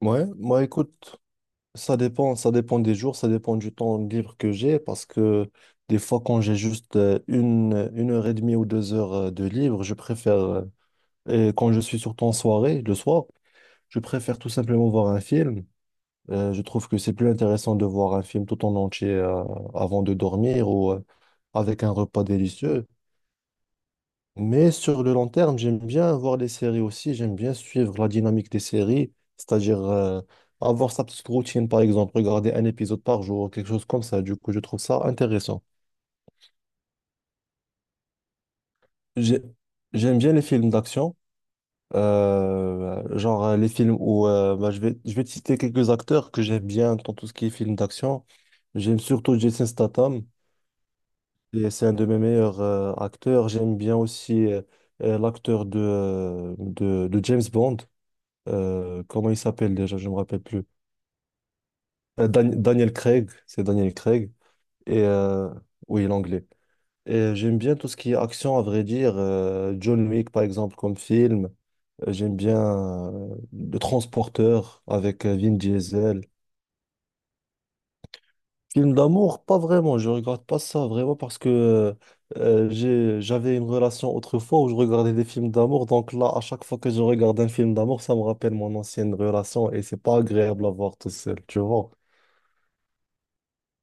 Ouais, moi écoute, ça dépend, des jours, ça dépend du temps libre que j'ai, parce que des fois quand j'ai juste une heure et demie ou deux heures de libre, je préfère, et quand je suis surtout en soirée, le soir, je préfère tout simplement voir un film. Je trouve que c'est plus intéressant de voir un film tout en entier avant de dormir ou avec un repas délicieux. Mais sur le long terme, j'aime bien voir les séries aussi, j'aime bien suivre la dynamique des séries, c'est-à-dire, avoir sa petite routine, par exemple, regarder un épisode par jour, quelque chose comme ça. Du coup, je trouve ça intéressant. J'ai- J'aime bien les films d'action, genre, les films où, bah, je vais te citer quelques acteurs que j'aime bien dans tout ce qui est films d'action. J'aime surtout Jason Statham, et c'est un de mes meilleurs acteurs. J'aime bien aussi l'acteur de James Bond. Comment il s'appelle déjà, je me rappelle plus. Daniel Craig, c'est Daniel Craig. Et oui, l'anglais. Et j'aime bien tout ce qui est action, à vrai dire. John Wick, par exemple, comme film. J'aime bien Le Transporteur avec Vin Diesel. Film d'amour, pas vraiment. Je regarde pas ça vraiment parce que j'avais une relation autrefois où je regardais des films d'amour. Donc là, à chaque fois que je regarde un film d'amour, ça me rappelle mon ancienne relation et c'est pas agréable à voir tout seul, tu vois.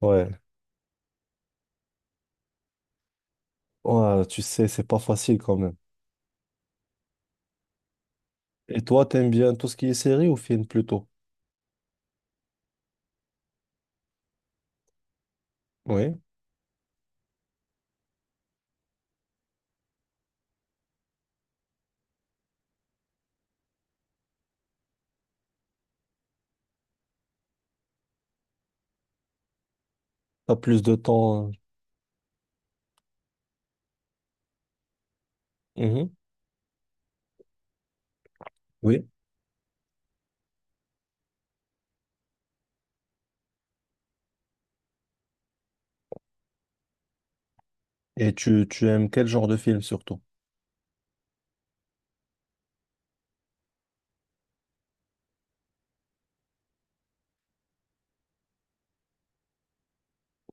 Ouais. Ouais, tu sais, c'est pas facile quand même. Et toi, t'aimes bien tout ce qui est série ou film plutôt? Oui. T'as plus de temps. Mhm. Oui. Et tu aimes quel genre de film surtout?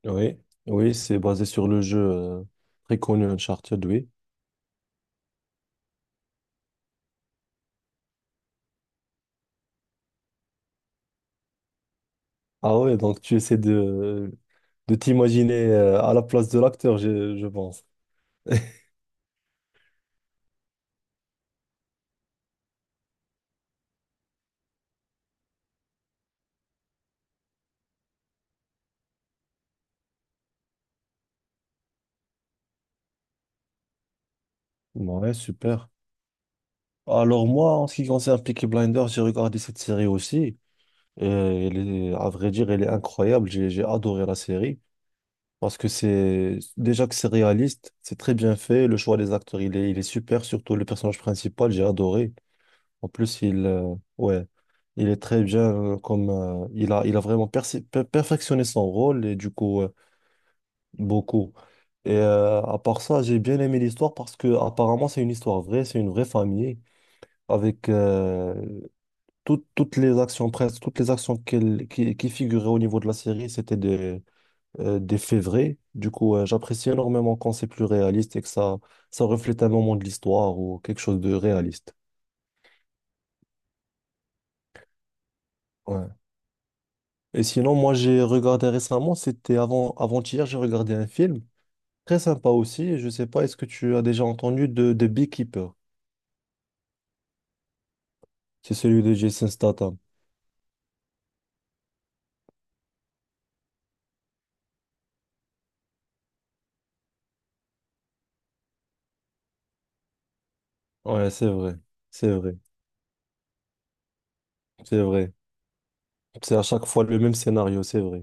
Oui. Oui, c'est basé sur le jeu très connu Uncharted, oui. Ah ouais, donc de t'imaginer à la place de l'acteur, je pense. Ouais, super. Alors moi, en ce qui concerne Peaky Blinders, j'ai regardé cette série aussi. Et à vrai dire, elle est incroyable. J'ai adoré la série. Parce que c'est déjà que c'est réaliste, c'est très bien fait. Le choix des acteurs, il est super, surtout le personnage principal, j'ai adoré. En plus, ouais, il est très bien comme, il a vraiment perfectionné son rôle et du coup, beaucoup. Et à part ça, j'ai bien aimé l'histoire parce que apparemment, c'est une histoire vraie, c'est une vraie famille avec toutes les actions, presque toutes les actions qui figuraient au niveau de la série, c'était des faits vrais. Du coup, j'apprécie énormément quand c'est plus réaliste et ça reflète un moment de l'histoire ou quelque chose de réaliste. Ouais. Et sinon, moi, j'ai regardé récemment, c'était avant-hier, j'ai regardé un film très sympa aussi. Je sais pas, est-ce que tu as déjà entendu de Beekeeper? C'est celui de Jason Statham. Ouais, c'est vrai, c'est vrai, c'est vrai. C'est à chaque fois le même scénario, c'est vrai.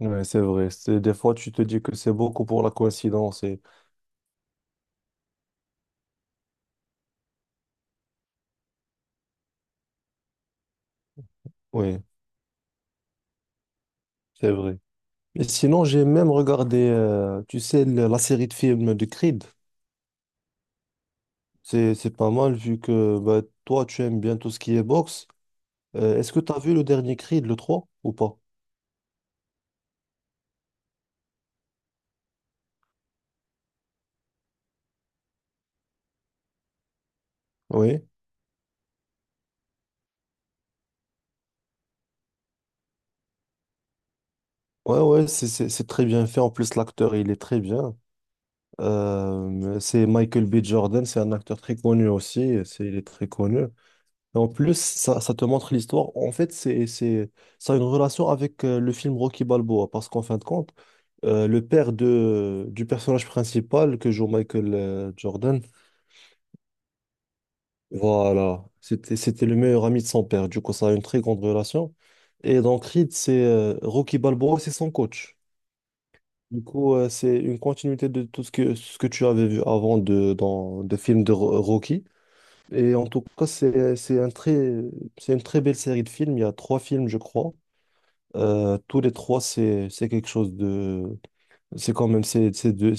Ouais, c'est vrai. C'est, des fois, tu te dis que c'est beaucoup pour la coïncidence. Et... Oui. C'est vrai. Et sinon, j'ai même regardé, tu sais, la série de films de Creed. C'est pas mal vu que bah, toi, tu aimes bien tout ce qui est boxe. Est-ce que tu as vu le dernier Creed, le 3 ou pas? Oui. Ouais, ouais, c'est très bien fait. En plus, l'acteur, il est très bien. C'est Michael B. Jordan, c'est un acteur très connu aussi. Il est très connu. Et en plus, ça te montre l'histoire. En fait, ça a une relation avec le film Rocky Balboa, parce qu'en fin de compte, le père du personnage principal que joue Michael Jordan, voilà, c'était le meilleur ami de son père. Du coup, ça a une très grande relation. Et dans Creed, c'est Rocky Balboa, c'est son coach. Du coup, c'est une continuité de tout ce que, tu avais vu dans des films de Rocky. Et en tout cas, c'est une très belle série de films. Il y a trois films, je crois. Tous les trois, c'est quelque chose de... C'est quand même...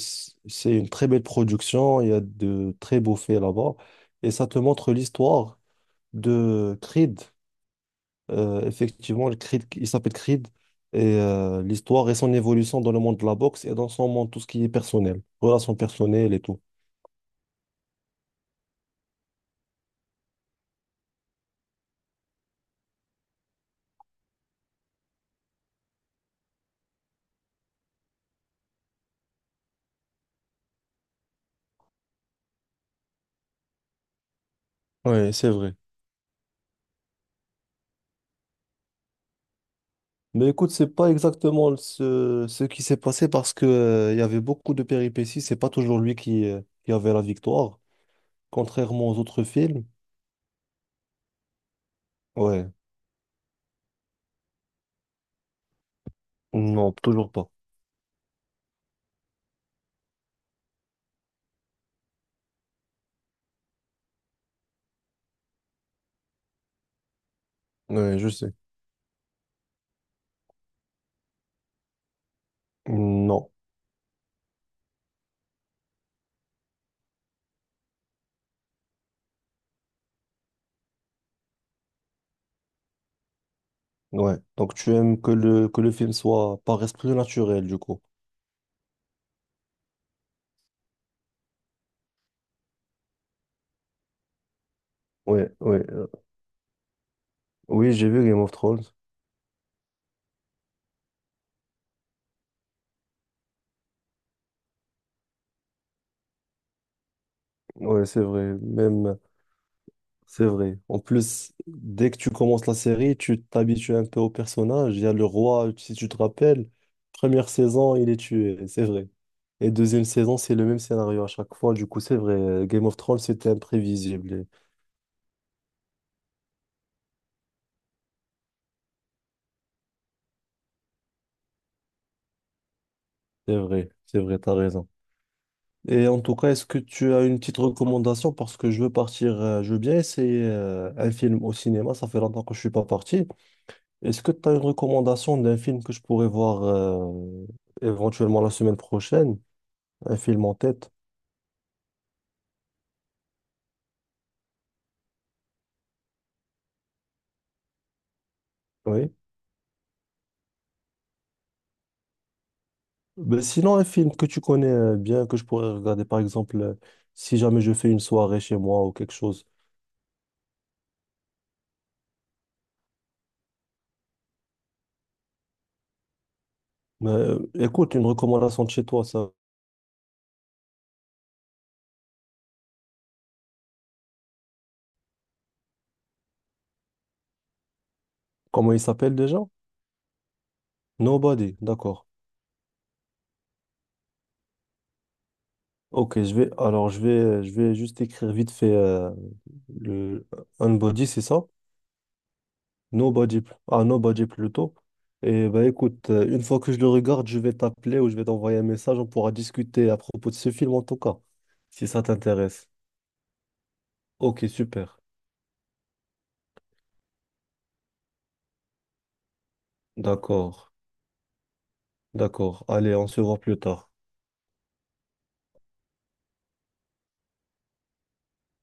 c'est une très belle production. Il y a de très beaux faits là-bas. Et ça te montre l'histoire de Creed. Effectivement, le Creed, il s'appelle Creed. Et l'histoire et son évolution dans le monde de la boxe et dans son monde, tout ce qui est personnel. Relations personnelles et tout. Oui, c'est vrai. Mais écoute, c'est pas exactement ce qui s'est passé parce que, il y avait beaucoup de péripéties. C'est pas toujours lui qui avait la victoire, contrairement aux autres films. Ouais, non, toujours pas. Ouais, je sais. Non, ouais. Donc tu aimes que que le film soit par esprit naturel, du coup. Ouais, ouais. Oui, j'ai vu Game of Thrones. Ouais, c'est vrai. Même. C'est vrai. En plus, dès que tu commences la série, tu t'habitues un peu au personnage. Il y a le roi, si tu te rappelles, première saison, il est tué, c'est vrai. Et deuxième saison, c'est le même scénario à chaque fois. Du coup, c'est vrai. Game of Thrones, c'était imprévisible. C'est vrai, t'as raison. Et en tout cas, est-ce que tu as une petite recommandation? Parce que je veux partir, je veux bien essayer un film au cinéma. Ça fait longtemps que je suis pas parti. Est-ce que tu as une recommandation d'un film que je pourrais voir éventuellement la semaine prochaine? Un film en tête, oui. Mais sinon, un film que tu connais bien, que je pourrais regarder, par exemple, si jamais je fais une soirée chez moi ou quelque chose. Mais écoute, une recommandation de chez toi, ça. Comment il s'appelle déjà? Nobody, d'accord. Ok, je vais, alors je vais juste écrire vite fait le Unbody, c'est ça? Nobody, Nobody plutôt. Et bah écoute, une fois que je le regarde, je vais t'appeler ou je vais t'envoyer un message, on pourra discuter à propos de ce film en tout cas, si ça t'intéresse. Ok, super. D'accord. D'accord. Allez, on se voit plus tard.